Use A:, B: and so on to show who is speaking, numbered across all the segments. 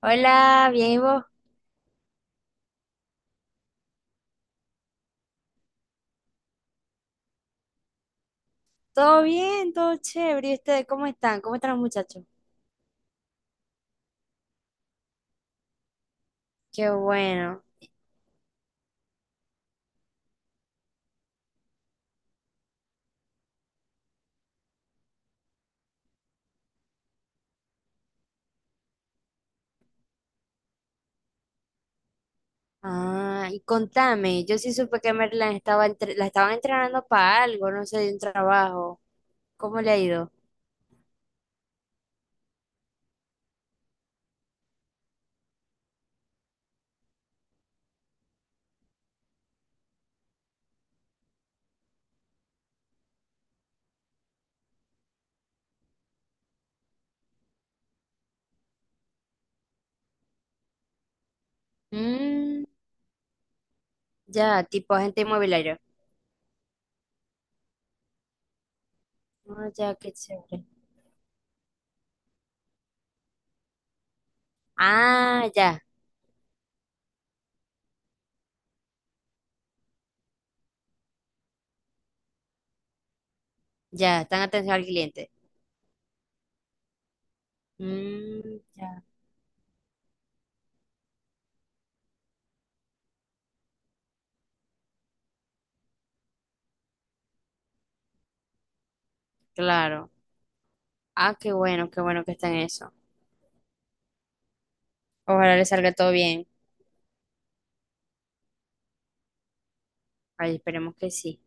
A: Hola, bien, ¿y vos? ¿Todo bien? ¿Todo chévere? ¿Y ustedes cómo están? ¿Cómo están los muchachos? Qué bueno. Ah, y contame, yo sí supe que Merlan estaba la estaban entrenando para algo, no sé, de un trabajo. ¿Cómo le ha ido? Mm, ya, tipo agente inmobiliario. Ah, ya, qué chévere. Ah, ya, ya, están atención al cliente. Mm, ya, claro. Ah, qué bueno que está en eso. Ojalá le salga todo bien. Ay, esperemos que sí.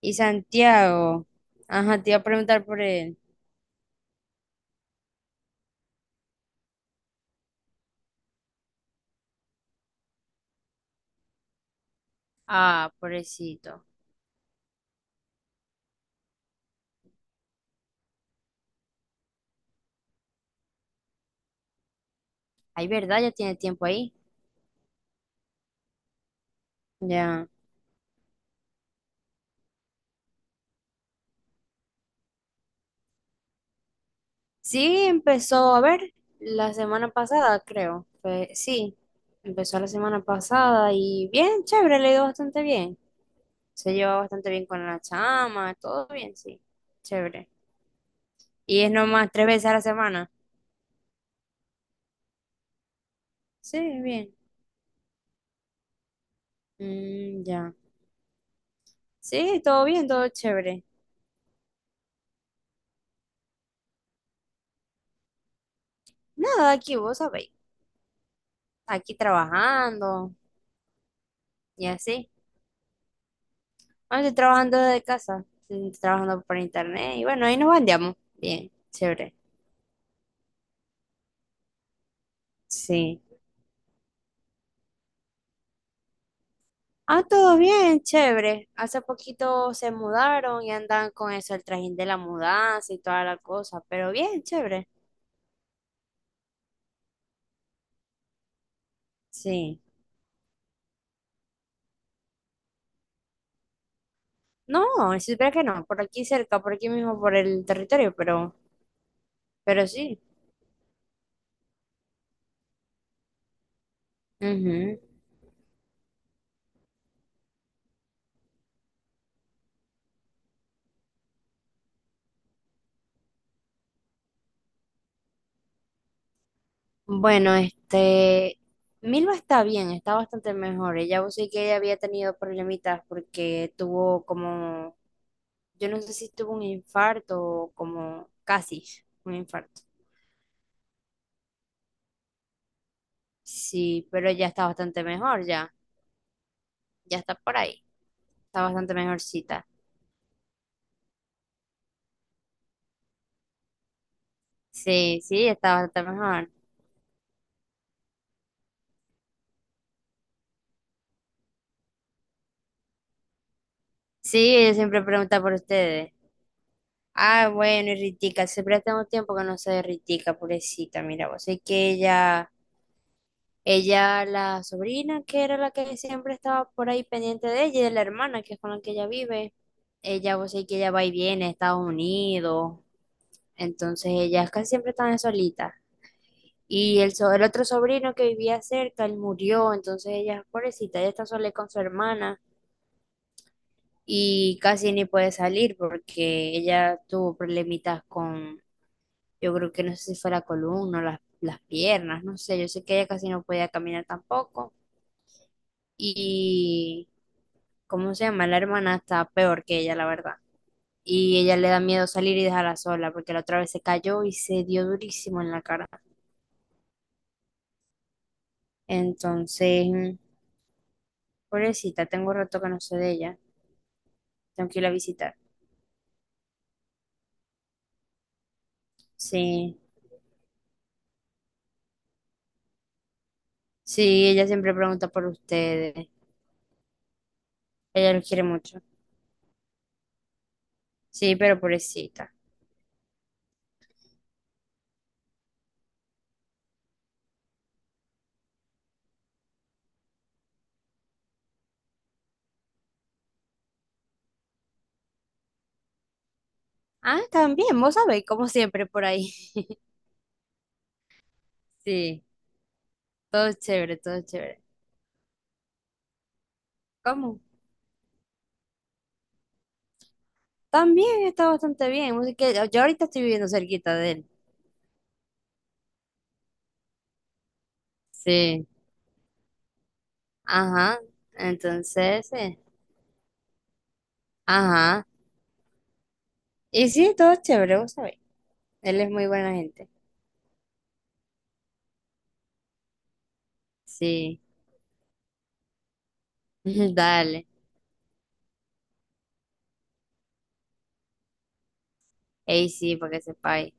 A: Y Santiago, ajá, te iba a preguntar por él. Ah, pobrecito. Ay, ¿verdad? Ya tiene tiempo ahí. Ya. Sí, empezó a ver la semana pasada, creo. Sí, empezó la semana pasada y bien, chévere, le ha ido bastante bien. Se lleva bastante bien con la chama, todo bien, sí. Chévere. Y es nomás 3 veces a la semana. Sí, bien. Mm, ya. Sí, todo bien, todo chévere. Nada, aquí vos sabéis. Aquí trabajando y así. Ahora estoy trabajando desde casa, estoy trabajando por internet y bueno, ahí nos bandeamos. Bien, chévere. Sí. Ah, todo bien, chévere. Hace poquito se mudaron y andan con eso, el trajín de la mudanza y toda la cosa, pero bien, chévere. Sí. No, si supiera que no, por aquí cerca, por aquí mismo, por el territorio, pero sí. Ujú. Bueno, este, Milva está bien, está bastante mejor. Ella vos sí que ella había tenido problemitas porque tuvo como, yo no sé si tuvo un infarto o como casi un infarto. Sí, pero ya está bastante mejor, ya, ya está por ahí, está bastante mejorcita. Sí, sí, está bastante mejor. Sí, ella siempre pregunta por ustedes. Ah, bueno, y Ritica, siempre tengo tiempo que no sé de Ritica, pobrecita, mira, vos sé que ella... Ella, la sobrina, que era la que siempre estaba por ahí pendiente de ella, y de la hermana, que es con la que ella vive. Ella, vos sabés que ella va y viene a Estados Unidos, entonces ellas casi siempre están solitas. Y el, el otro sobrino que vivía cerca, él murió, entonces ella, pobrecita, ella está sola con su hermana y casi ni puede salir porque ella tuvo problemitas con, yo creo que no sé si fue la columna o las piernas, no sé, yo sé que ella casi no podía caminar tampoco. ¿Cómo se llama? La hermana está peor que ella, la verdad. Y ella le da miedo salir y dejarla sola, porque la otra vez se cayó y se dio durísimo en la cara. Entonces, pobrecita, tengo rato que no sé de ella. Tengo que ir a visitar. Sí, sí, ella siempre pregunta por ustedes. Ella los quiere mucho. Sí, pero pobrecita. Ah, también, vos sabés, como siempre por ahí. Sí, todo es chévere, todo es chévere. ¿Cómo? También está bastante bien. Así que yo ahorita estoy viviendo cerquita de él. Sí. Ajá, entonces, ajá. Y sí, todo chévere, vos sabés. Él es muy buena gente. Sí, dale. Ey, sí, para que sepáis.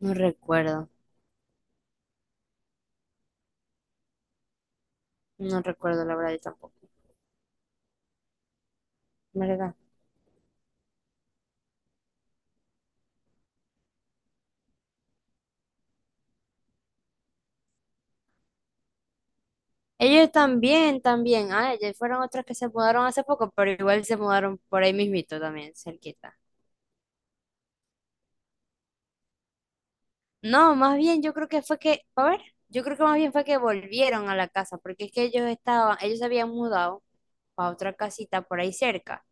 A: No recuerdo, no recuerdo la verdad, yo tampoco, ¿verdad? Ellos también, también. Ah, ellos fueron otros que se mudaron hace poco, pero igual se mudaron por ahí mismito también, cerquita. No, más bien yo creo que fue que, a ver, yo creo que más bien fue que volvieron a la casa, porque es que ellos estaban, ellos se habían mudado para otra casita por ahí cerca,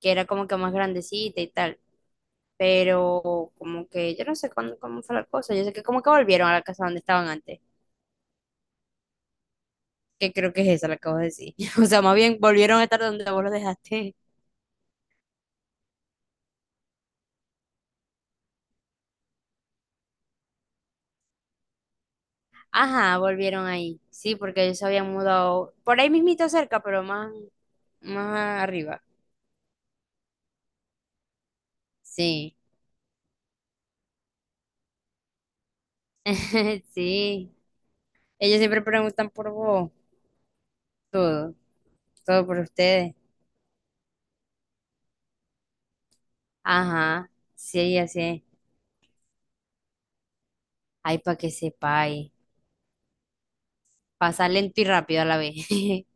A: que era como que más grandecita y tal, pero como que yo no sé cuándo, cómo fue la cosa, yo sé que como que volvieron a la casa donde estaban antes, que creo que es esa la que vos decís, o sea, más bien volvieron a estar donde vos los dejaste. Ajá, volvieron ahí, sí, porque ellos se habían mudado por ahí mismito cerca, pero más, más arriba, sí, sí, ellos siempre preguntan por vos, todo, todo por ustedes, ajá, sí, así es, ay, para que sepáis, pasa lento y rápido a la vez.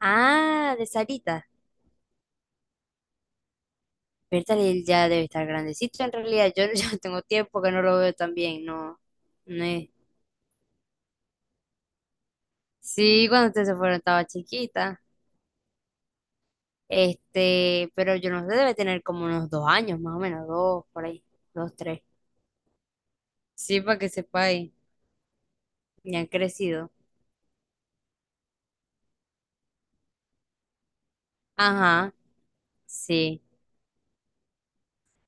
A: Ah, de Sarita. Bertal él ya debe estar grandecito en realidad. Yo ya tengo tiempo que no lo veo tan bien, no, no es. Sí, cuando ustedes se fueron estaba chiquita. Este, pero yo no sé, debe tener como unos 2 años, más o menos, dos, por ahí, dos, tres. Sí, para que sepáis, ya han crecido. Ajá, sí.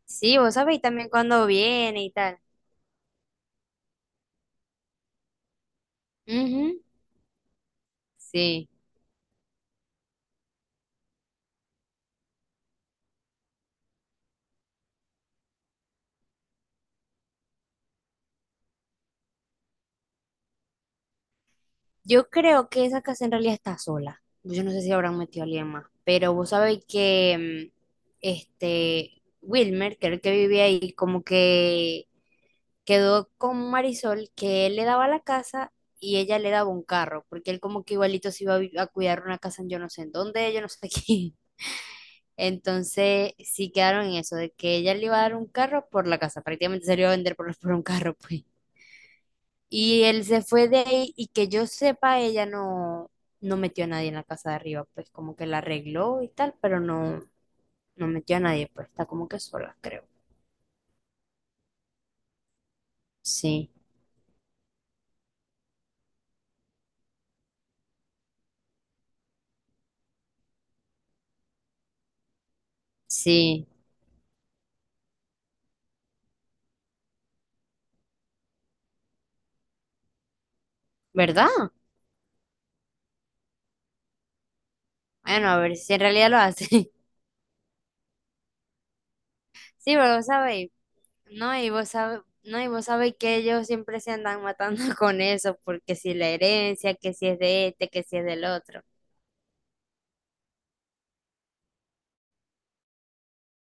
A: Sí, vos sabéis también cuándo viene y tal. Ujú, sí. Yo creo que esa casa en realidad está sola. Yo no sé si habrán metido a alguien más, pero vos sabéis que este Wilmer, que era el que vivía ahí, como que quedó con Marisol, que él le daba la casa y ella le daba un carro, porque él como que igualito se iba a, a cuidar una casa en yo no sé en dónde, yo no sé quién. Entonces sí quedaron en eso, de que ella le iba a dar un carro por la casa, prácticamente se lo iba a vender por, por un carro, pues. Y él se fue de ahí y que yo sepa, ella no, no metió a nadie en la casa de arriba, pues como que la arregló y tal, pero no, no metió a nadie, pues está como que sola, creo. Sí, sí, ¿verdad? Bueno, a ver si en realidad lo hace. Sí, pero vos sabéis, no, y vos sabéis, no, y vos sabéis que ellos siempre se andan matando con eso, porque si la herencia, que si es de este, que si es del otro.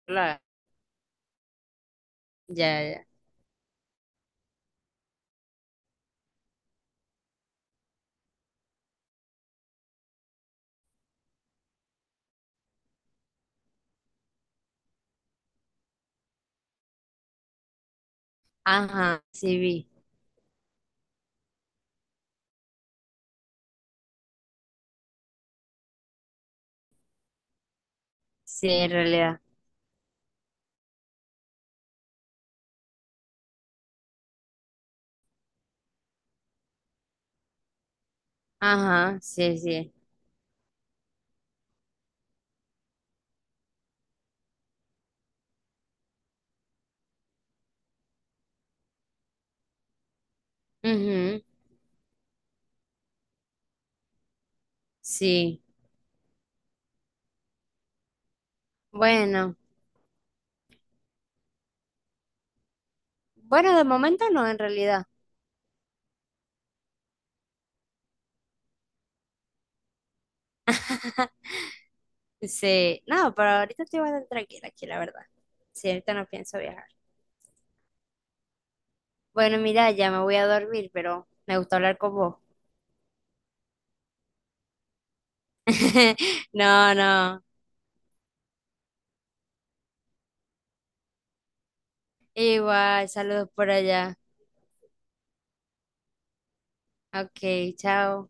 A: Claro, ya, ya. Ajá, sí vi. Sí, en realidad. Ajá, sí, sí. Sí, bueno, bueno, de momento no, en realidad. Sí, no, pero ahorita estoy bastante tranquila aquí, la verdad. Sí, ahorita no pienso viajar. Bueno, mira, ya me voy a dormir, pero me gustó hablar con vos. No, no, igual, saludos por allá. Ok, chao.